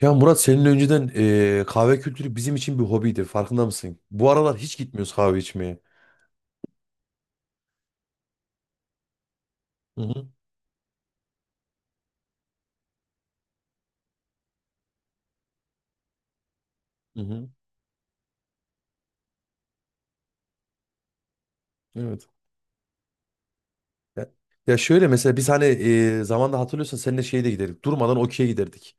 Ya Murat senin önceden kahve kültürü bizim için bir hobiydi. Farkında mısın? Bu aralar hiç gitmiyoruz kahve içmeye. Hı hı, hı hı. Evet. Ya, ya, şöyle mesela biz hani zamanda hatırlıyorsan seninle şeye de giderdik. Durmadan okey'e giderdik.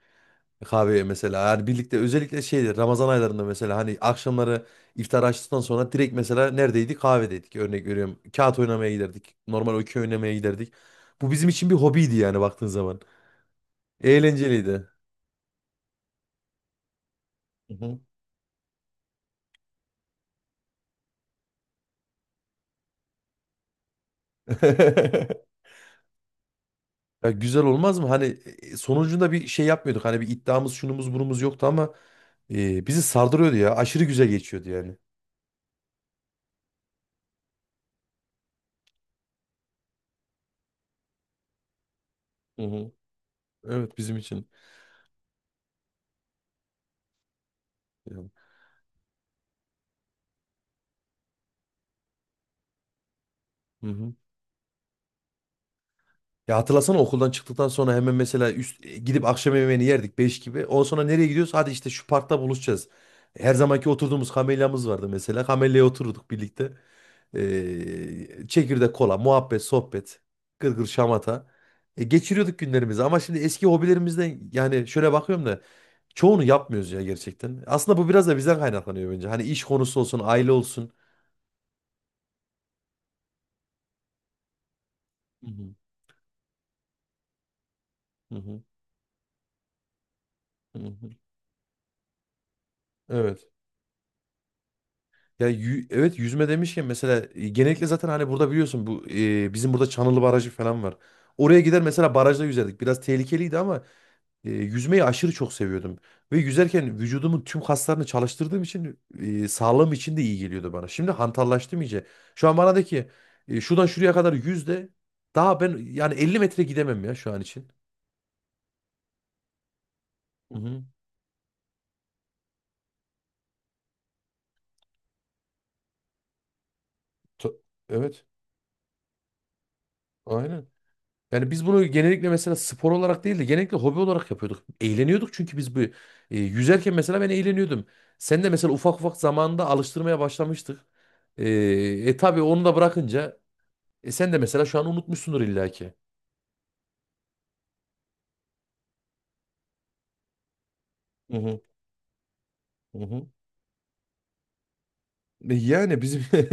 Kahveye mesela. Yani birlikte özellikle şeyde Ramazan aylarında mesela hani akşamları iftar açtıktan sonra direkt mesela neredeydik? Kahvedeydik. Örnek veriyorum. Kağıt oynamaya giderdik. Normal okey oynamaya giderdik. Bu bizim için bir hobiydi yani baktığın zaman. Eğlenceliydi. Hı hı. Ya güzel olmaz mı? Hani sonucunda bir şey yapmıyorduk. Hani bir iddiamız şunumuz burumuz yoktu ama bizi sardırıyordu ya. Aşırı güzel geçiyordu yani. Hı hı. Evet bizim için. Ya, hı hı. Ya hatırlasana okuldan çıktıktan sonra hemen mesela gidip akşam yemeğini yerdik 5 gibi. Ondan sonra nereye gidiyoruz? Hadi işte şu parkta buluşacağız. Her zamanki oturduğumuz kamelyamız vardı mesela. Kamelyaya otururduk birlikte. Çekirdek kola, muhabbet, sohbet, gırgır şamata. Geçiriyorduk günlerimizi ama şimdi eski hobilerimizden yani şöyle bakıyorum da çoğunu yapmıyoruz ya gerçekten. Aslında bu biraz da bizden kaynaklanıyor bence. Hani iş konusu olsun, aile olsun. Hı hı, hı hı, hı hı. Evet. Ya evet yüzme demişken mesela genellikle zaten hani burada biliyorsun bu bizim burada Çanılı Barajı falan var. Oraya gider mesela barajda yüzerdik. Biraz tehlikeliydi ama yüzmeyi aşırı çok seviyordum. Ve yüzerken vücudumun tüm kaslarını çalıştırdığım için sağlığım için de iyi geliyordu bana. Şimdi hantallaştım iyice. Şu an bana de ki şuradan şuraya kadar yüz de daha ben yani 50 metre gidemem ya şu an için. Hı hı. Ta- Evet. Aynen. Yani biz bunu genellikle mesela spor olarak değil de genellikle hobi olarak yapıyorduk. Eğleniyorduk çünkü biz bu yüzerken mesela ben eğleniyordum. Sen de mesela ufak ufak zamanında alıştırmaya başlamıştık. E, tabii onu da bırakınca sen de mesela şu an unutmuşsundur illaki. Hı hı, hı hı. Yani bizim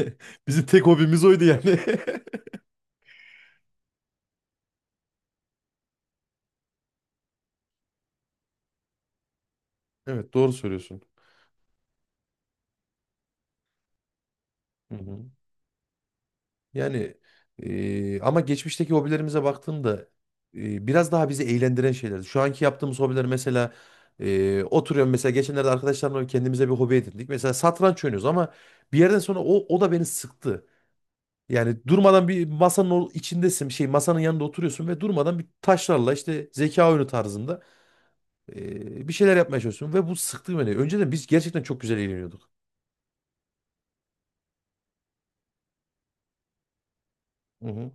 bizim tek hobimiz oydu yani. Evet doğru söylüyorsun. Hı hı. Yani ama geçmişteki hobilerimize baktığımda biraz daha bizi eğlendiren şeylerdi. Şu anki yaptığımız hobiler mesela oturuyorum mesela geçenlerde arkadaşlarımla kendimize bir hobi edindik. Mesela satranç oynuyoruz ama bir yerden sonra o da beni sıktı. Yani durmadan bir masanın içindesin, şey masanın yanında oturuyorsun ve durmadan bir taşlarla işte zeka oyunu tarzında bir şeyler yapmaya çalışıyorsun ve bu sıktı beni. Önceden biz gerçekten çok güzel eğleniyorduk. Hı hı,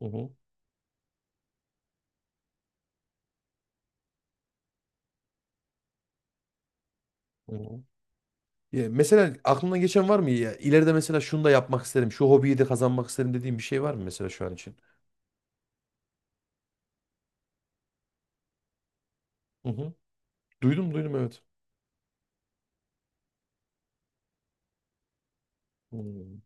hı hı, hı hı. Ya mesela aklına geçen var mı ya? İleride mesela şunu da yapmak isterim. Şu hobiyi de kazanmak isterim dediğim bir şey var mı mesela şu an için? Hı hı. Duydum duydum evet. Hmm.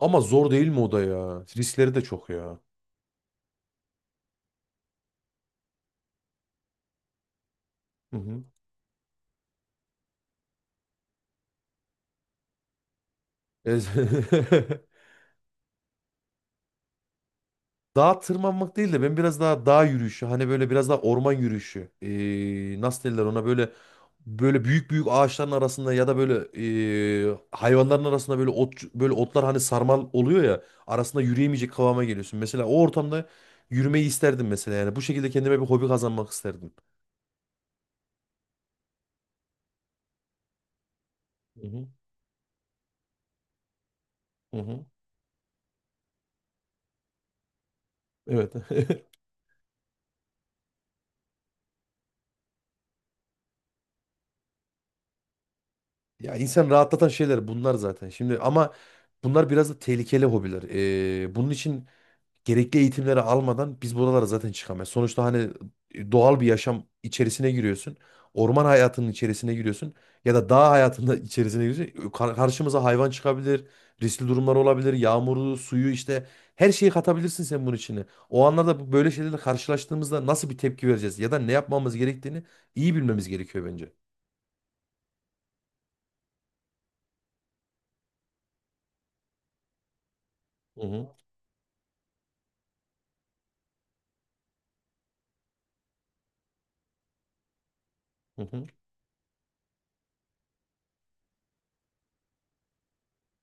Ama zor değil mi o da ya? Riskleri de çok ya. Hı hı. Evet. Dağa tırmanmak değil de ben biraz daha dağ yürüyüşü hani böyle biraz daha orman yürüyüşü nasıl derler ona böyle büyük büyük ağaçların arasında ya da böyle hayvanların arasında böyle otlar hani sarmal oluyor ya arasında yürüyemeyecek kıvama geliyorsun. Mesela o ortamda yürümeyi isterdim mesela yani bu şekilde kendime bir hobi kazanmak isterdim. Hı hı, hı hı. Evet. Ya insan rahatlatan şeyler bunlar zaten. Şimdi ama bunlar biraz da tehlikeli hobiler. Bunun için gerekli eğitimleri almadan biz buralara zaten çıkamayız. Sonuçta hani doğal bir yaşam içerisine giriyorsun. Orman hayatının içerisine giriyorsun ya da dağ hayatında içerisine giriyorsun. Karşımıza hayvan çıkabilir, riskli durumlar olabilir, yağmuru, suyu işte her şeyi katabilirsin sen bunun içine. O anlarda böyle şeylerle karşılaştığımızda nasıl bir tepki vereceğiz ya da ne yapmamız gerektiğini iyi bilmemiz gerekiyor bence. Hı hı. Hı hı.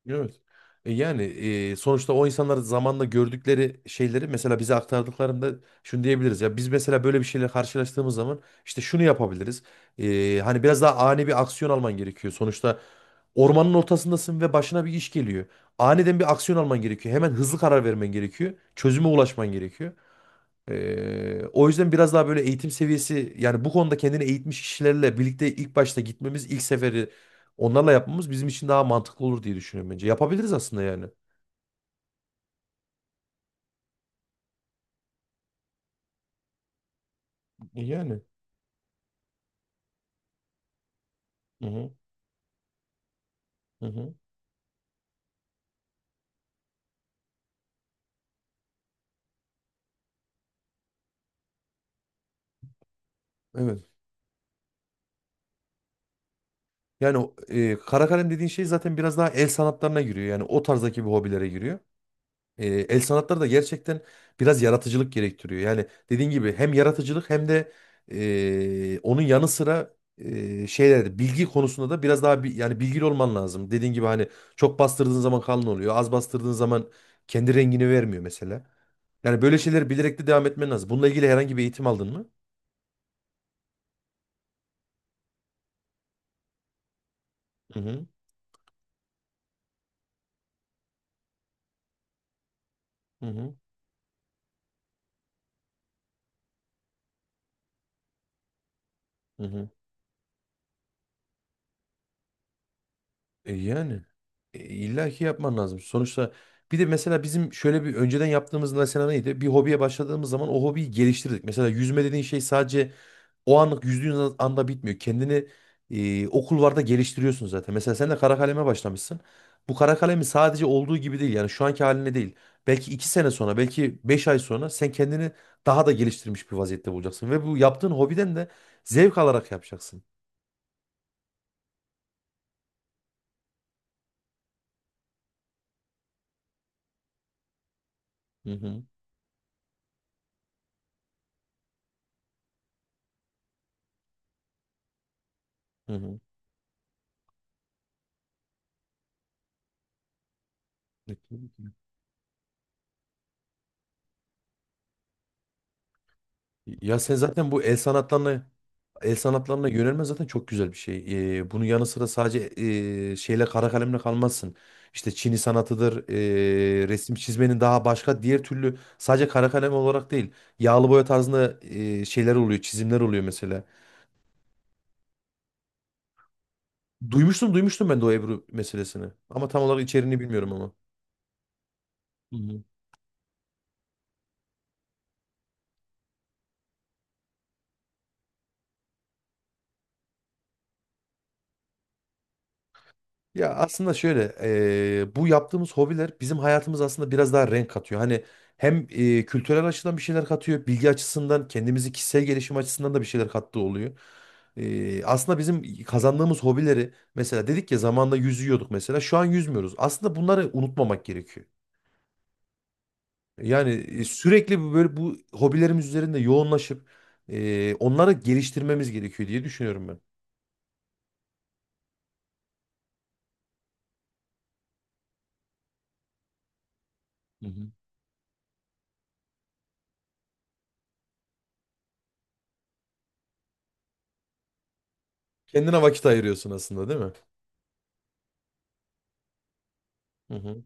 Evet. Yani, sonuçta o insanlar zamanla gördükleri şeyleri mesela bize aktardıklarında şunu diyebiliriz ya biz mesela böyle bir şeyle karşılaştığımız zaman işte şunu yapabiliriz. Hani biraz daha ani bir aksiyon alman gerekiyor. Sonuçta ormanın ortasındasın ve başına bir iş geliyor. Aniden bir aksiyon alman gerekiyor. Hemen hızlı karar vermen gerekiyor. Çözüme ulaşman gerekiyor. O yüzden biraz daha böyle eğitim seviyesi yani bu konuda kendini eğitmiş kişilerle birlikte ilk başta gitmemiz ilk seferi onlarla yapmamız bizim için daha mantıklı olur diye düşünüyorum bence. Yapabiliriz aslında yani. Yani. Hı hı. Hı hı. Evet. Yani o, kara kalem dediğin şey zaten biraz daha el sanatlarına giriyor. Yani o tarzdaki bir hobilere giriyor. El sanatları da gerçekten biraz yaratıcılık gerektiriyor. Yani dediğin gibi hem yaratıcılık hem de onun yanı sıra şeyler bilgi konusunda da biraz daha yani bilgili olman lazım. Dediğin gibi hani çok bastırdığın zaman kalın oluyor. Az bastırdığın zaman kendi rengini vermiyor mesela. Yani böyle şeyleri bilerek de devam etmen lazım. Bununla ilgili herhangi bir eğitim aldın mı? Hı hı. Hı hı. Hı hı. Yani, illa ki yapman lazım. Sonuçta bir de mesela bizim şöyle bir önceden yaptığımız mesela neydi? Bir hobiye başladığımız zaman o hobiyi geliştirdik. Mesela yüzme dediğin şey sadece o anlık yüzdüğün anda bitmiyor. Kendini o kulvarda geliştiriyorsun zaten. Mesela sen de kara kaleme başlamışsın. Bu kara kalemi sadece olduğu gibi değil yani şu anki haline değil. Belki 2 sene sonra belki 5 ay sonra sen kendini daha da geliştirmiş bir vaziyette bulacaksın. Ve bu yaptığın hobiden de zevk alarak yapacaksın. Hı hı. Hı hı. Ya sen zaten bu el sanatlarına yönelme zaten çok güzel bir şey. Bunun yanı sıra sadece şeyle kara kalemle kalmazsın. İşte Çini sanatıdır, resim çizmenin daha başka diğer türlü sadece kara kalem olarak değil. Yağlı boya tarzında şeyler oluyor, çizimler oluyor mesela. Duymuştum duymuştum ben de o Ebru meselesini. Ama tam olarak içeriğini bilmiyorum ama. Ya aslında şöyle bu yaptığımız hobiler bizim hayatımız aslında biraz daha renk katıyor. Hani hem kültürel açıdan bir şeyler katıyor, bilgi açısından kendimizi kişisel gelişim açısından da bir şeyler kattığı oluyor. Aslında bizim kazandığımız hobileri mesela dedik ya zamanında yüzüyorduk mesela şu an yüzmüyoruz. Aslında bunları unutmamak gerekiyor. Yani sürekli böyle bu hobilerimiz üzerinde yoğunlaşıp onları geliştirmemiz gerekiyor diye düşünüyorum ben. Hı hı. Kendine vakit ayırıyorsun aslında değil mi? Hı hı.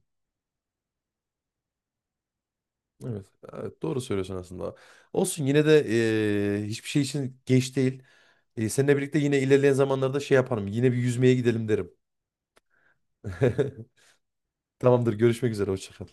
Evet, evet doğru söylüyorsun aslında. Olsun yine de hiçbir şey için geç değil. Seninle birlikte yine ilerleyen zamanlarda şey yaparım. Yine bir yüzmeye gidelim derim. Tamamdır, görüşmek üzere. Hoşça kal.